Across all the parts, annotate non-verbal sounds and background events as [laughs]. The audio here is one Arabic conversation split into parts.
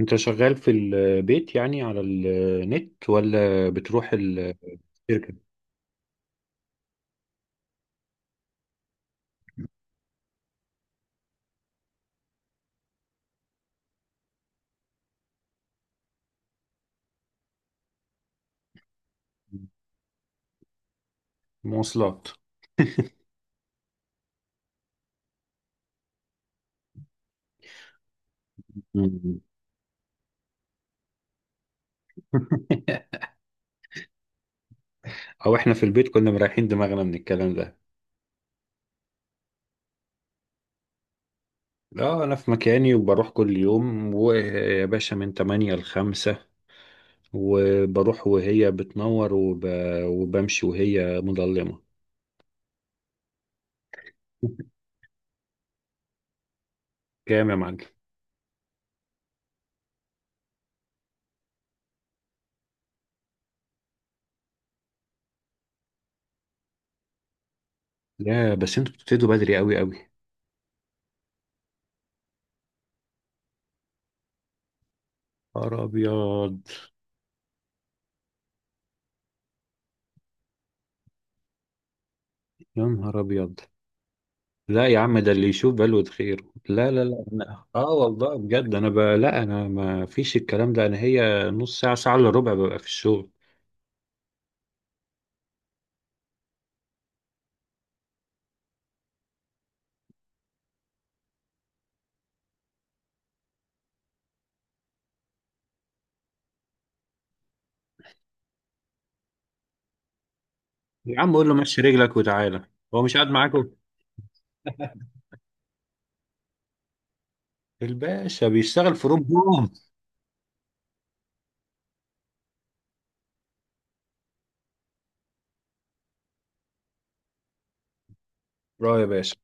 انت شغال في البيت يعني على النت ولا بتروح الشركة؟ مواصلات. مم. [laughs] او احنا في البيت كنا مريحين دماغنا من الكلام ده. لا انا في مكاني وبروح كل يوم ويا باشا من 8 ل 5، وبروح وهي بتنور وبمشي وهي مظلمة. كام يا معلم؟ يا بس انتوا بتبتدوا بدري قوي قوي. نهار ابيض. يا نهار ابيض. لا يا عم ده اللي يشوف بلوة خير. لا لا لا، أنا والله بجد لا انا ما فيش الكلام ده، انا هي نص ساعة، ساعة الا ربع ببقى في الشغل. يا عم قول له مشي رجلك وتعالى. هو مش قاعد معاكم. الباشا بيشتغل في روم هوم. اه يا باشا.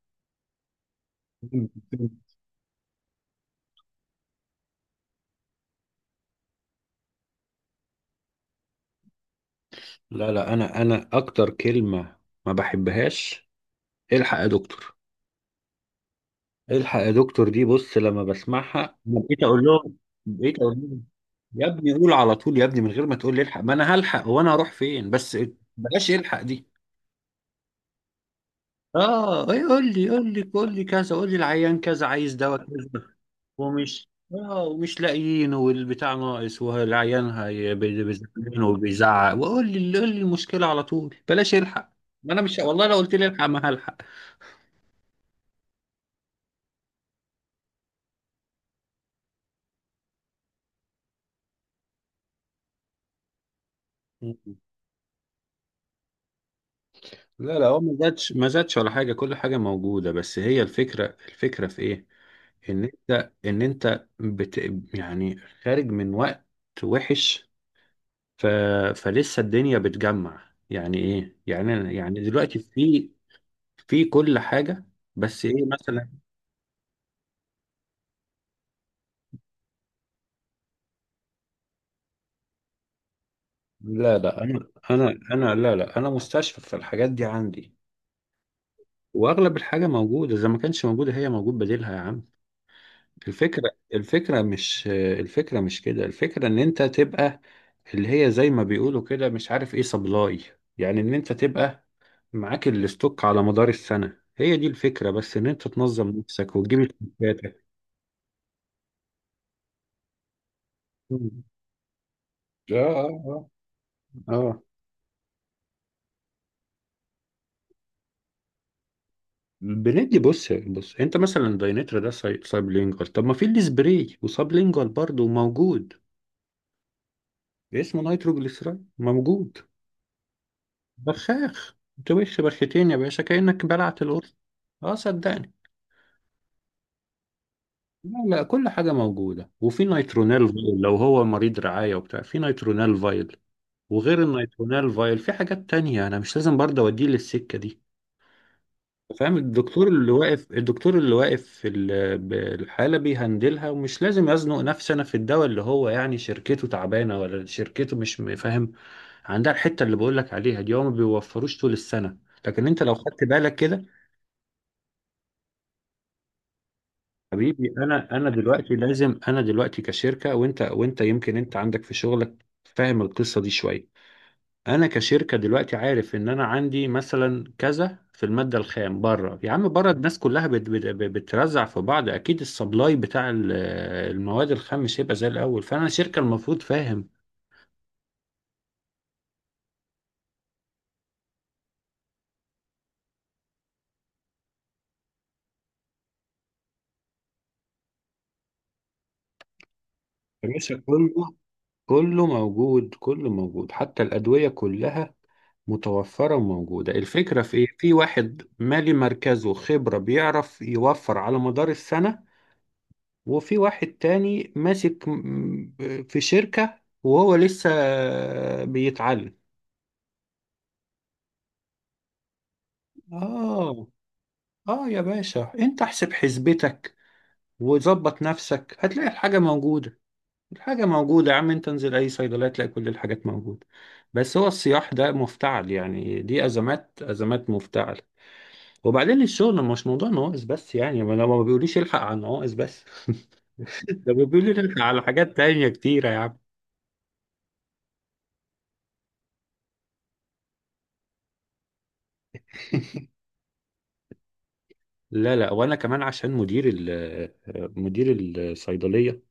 لا لا، انا اكتر كلمة ما بحبهاش، الحق يا دكتور. الحق يا دكتور دي بص لما بسمعها أنا بقيت اقول لهم، بقيت اقول لهم: يا ابني قول على طول، يا ابني من غير ما تقول لي الحق، ما انا هلحق وانا هروح فين بس؟ بلاش الحق دي. اه إيه؟ قول لي، قول لي، قول لي كذا، قول لي العيان كذا عايز دواء كذا ومش اه، ومش لاقيين والبتاع ناقص والعيان بيزعلين وبيزعق، وقول لي قول لي المشكله على طول، بلاش الحق. ما انا مش والله لو قلت لي الحق ما هلحق. لا لا، هو ما زادش ولا حاجة، كل حاجة موجودة، بس هي الفكرة، الفكرة في ايه؟ ان انت يعني خارج من وقت وحش ف... فلسه الدنيا بتجمع يعني ايه يعني دلوقتي في، في كل حاجة. بس ايه مثلا؟ لا لا، انا لا لا انا مستشفى، فالحاجات دي عندي واغلب الحاجة موجودة، اذا ما كانش موجودة هي موجود بديلها يا عم. الفكرة، الفكرة، مش الفكرة، مش كده الفكرة، ان انت تبقى اللي هي زي ما بيقولوا كده مش عارف ايه، سبلاي. يعني ان انت تبقى معاك الاستوك على مدار السنة، هي دي الفكرة، بس ان انت تنظم نفسك وتجيب استوكاتك. مم. اه اه اه. آه. بندي، بص بص انت مثلا داينترا ده سايبلينجوال، طب ما في السبراي وسابلينجوال برضه موجود. اسمه نيتروجليسيرين موجود. بخاخ. تبخ بخيتين يا باشا كأنك بلعت القرص. اه صدقني. لا لا، كل حاجة موجودة، وفي نيترونال فايل لو هو مريض رعاية وبتاع في نيترونال فايل، وغير النيترونال فايل في حاجات تانية. أنا مش لازم برضه أوديه للسكة دي. فاهم؟ الدكتور اللي واقف، الدكتور اللي واقف في بالحالة بيهندلها، ومش لازم يزنق نفسي أنا في الدواء اللي هو يعني شركته تعبانة ولا شركته مش م- فاهم عندها الحتة اللي بقولك عليها دي، هو ما بيوفروش طول السنة. لكن أنت لو خدت بالك كده، حبيبي انا دلوقتي لازم، انا دلوقتي كشركه، وانت يمكن انت عندك في شغلك فاهم القصه دي شويه. انا كشركه دلوقتي عارف ان انا عندي مثلا كذا في الماده الخام، بره يا عم، بره الناس كلها بت بت بترزع في بعض، اكيد السبلاي بتاع المواد الخام مش هيبقى زي الاول، فانا شركه المفروض فاهم. يا باشا كله، كله موجود كله موجود، حتى الادويه كلها متوفرة وموجودة. الفكرة في إيه؟ في واحد مالي مركزه خبرة بيعرف يوفر على مدار السنة، وفي واحد تاني ماسك في شركة وهو لسه بيتعلم. آه. آه يا باشا، أنت احسب حسبتك وظبط نفسك هتلاقي الحاجة موجودة. الحاجة موجودة يا عم، أنت انزل أي صيدلية تلاقي كل الحاجات موجودة. بس هو الصياح ده مفتعل، يعني دي أزمات، أزمات مفتعل. وبعدين الشغل مش موضوع نواقص بس، يعني ما لو ما بيقوليش الحق على النواقص بس [laughs] ده بيقولي الحق على حاجات تانية كتيرة يا عم. [laughs] لا لا، وانا كمان عشان مدير ال، مدير الصيدلية.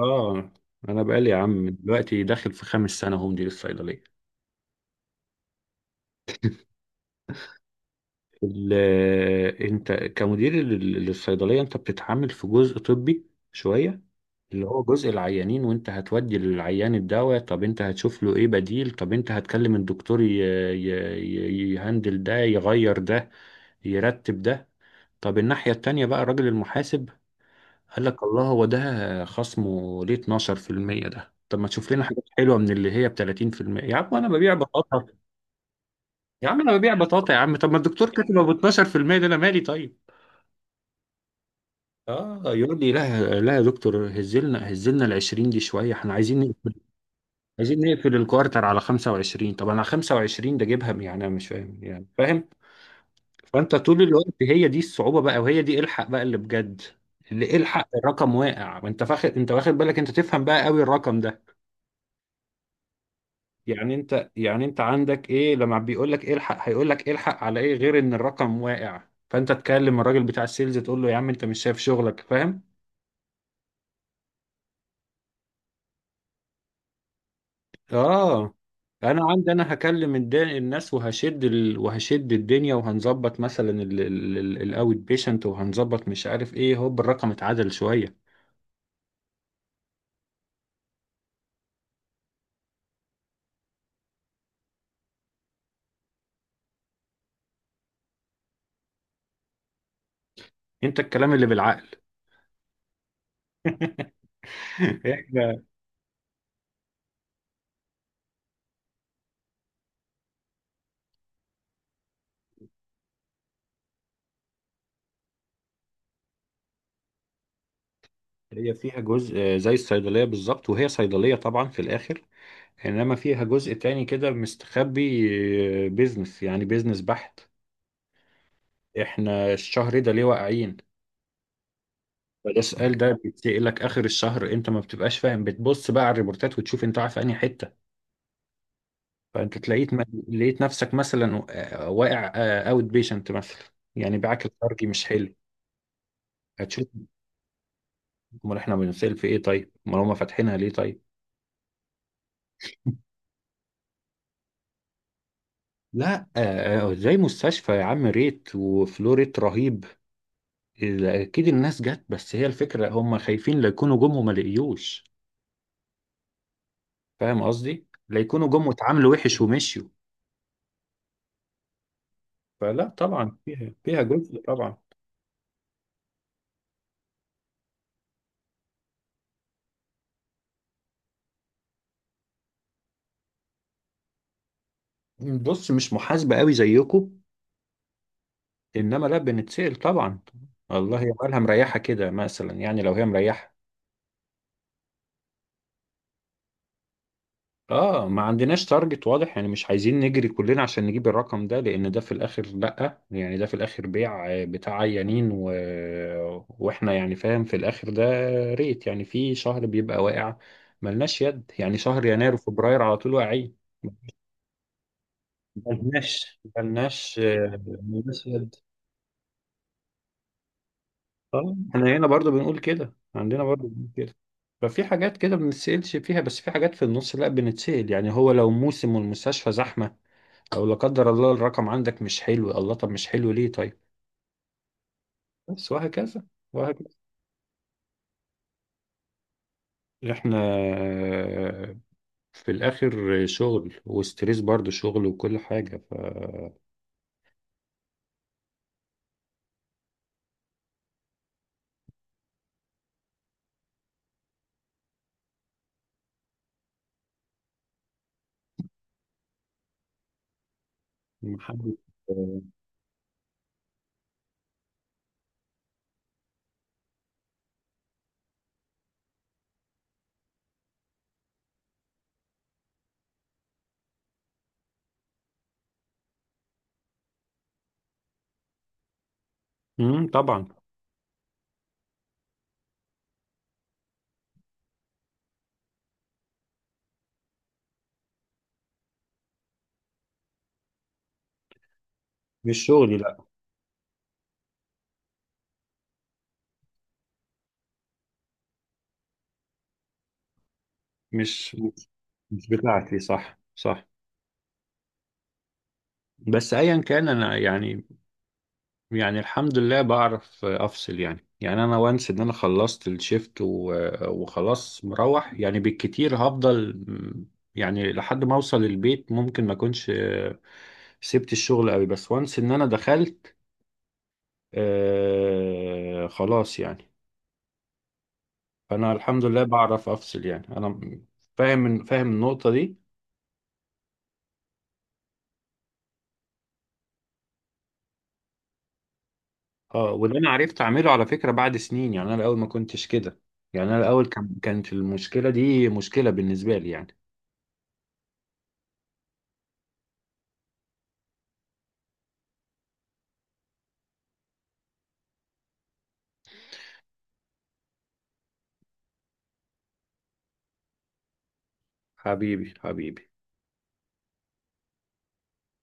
اه، انا بقالي يا عم دلوقتي داخل في خامس سنة هو مدير الصيدلية. ال- انت كمدير للصيدلية، انت بتتعامل في جزء طبي شوية اللي هو جزء العيانين، وانت هتودي للعيان الدواء، طب انت هتشوف له ايه بديل، طب انت هتكلم الدكتور ي... يهندل ده، يغير ده، يرتب ده. طب الناحية التانية بقى، الراجل المحاسب قال لك: الله، هو ده خصمه ليه 12%؟ ده طب ما تشوف لنا حاجة حلوة من اللي هي ب 30%. يا عم انا ببيع بطاطا، يا عم انا ببيع بطاطا، يا عم طب ما الدكتور كاتب ابو 12% ده، انا مالي؟ طيب. اه يقول لي: لا لا يا دكتور، هزلنا هزلنا، ال 20 دي شويه، احنا عايزين، عايزين نقفل الكوارتر على 25. طب انا 25 ده جيبها يعني، انا مش فاهم يعني، فاهم؟ فانت طول الوقت هي دي الصعوبة بقى، وهي دي الحق بقى اللي بجد، اللي الحق الرقم واقع، وانت فاخد انت واخد بالك، انت تفهم بقى قوي الرقم ده. يعني انت، يعني انت عندك ايه لما بيقول لك إيه الحق؟ هيقول لك إيه الحق على ايه غير ان الرقم واقع. فانت تكلم الراجل بتاع السيلز تقول له: يا عم انت مش شايف شغلك، فاهم؟ اه، انا عندي، انا هكلم الناس وهشد وهشد الدنيا، وهنظبط مثلا الاوت بيشنت، وهنظبط مش عارف ايه، هوب الرقم اتعدل شويه. انت الكلام اللي بالعقل. [laughs] احنا، هي فيها جزء آه، زي الصيدليه بالظبط، وهي صيدليه طبعا في الاخر، انما فيها جزء تاني كده مستخبي، بيزنس يعني، بيزنس بحت. احنا الشهر ده ليه واقعين؟ فده السؤال ده بيتسألك اخر الشهر. انت ما بتبقاش فاهم، بتبص بقى على الريبورتات وتشوف انت واقع في انهي حته. فانت تلاقيت، لقيت نفسك مثلا آه، واقع اوت بيشنت مثلا، يعني باعك الخارجي مش حلو. هتشوف. امال احنا بنسال في ايه طيب؟ امال هم فاتحينها ليه طيب؟ لا آه، آه، آه، زي مستشفى يا عم، ريت وفلو ريت رهيب، اكيد الناس جت، بس هي الفكره هم خايفين لا يكونوا جم وما لقيوش، فاهم قصدي، لا يكونوا جم واتعاملوا وحش ومشيوا. فلا طبعا فيها جزء طبعا. بص مش محاسبه قوي زيكم، انما لا بنتسأل طبعا. الله يبقى مريحه كده مثلا، يعني لو هي مريحه. اه، ما عندناش تارجت واضح يعني، مش عايزين نجري كلنا عشان نجيب الرقم ده، لان ده في الاخر لا يعني، ده في الاخر بيع آه، بتاع عيانين واحنا يعني فاهم في الاخر ده. ريت يعني، في شهر بيبقى واقع ملناش يد، يعني شهر يناير وفبراير على طول واقعين، ملناش آه، ملناش يد. اه، احنا هنا برضو بنقول كده، عندنا برضو بنقول كده. ففي حاجات كده ما بنتسألش فيها، بس في حاجات في النص لا بنتسأل، يعني هو لو موسم والمستشفى زحمة، او لا قدر الله الرقم عندك مش حلو. الله طب مش حلو ليه طيب؟ بس وهكذا، وهكذا. احنا آه، في الاخر شغل وستريس، برضو شغل وكل حاجة ف، محدش- طبعا. مش شغلي، لا، مش مش بتاعتي، صح صح. بس ايا كان انا يعني، يعني الحمد لله بعرف افصل، يعني انا وانس ان انا خلصت الشيفت وخلاص مروح، يعني بالكتير هفضل يعني لحد ما اوصل البيت ممكن ما اكونش آه، سبت الشغل قوي، بس وانس ان انا دخلت آه خلاص يعني. فانا الحمد لله بعرف افصل يعني، انا فاهم فاهم النقطة دي. اه، وده انا عرفت اعمله على فكرة بعد سنين، يعني انا الاول ما كنتش كده، يعني انا الاول كانت المشكلة دي مشكلة بالنسبة لي يعني. حبيبي حبيبي.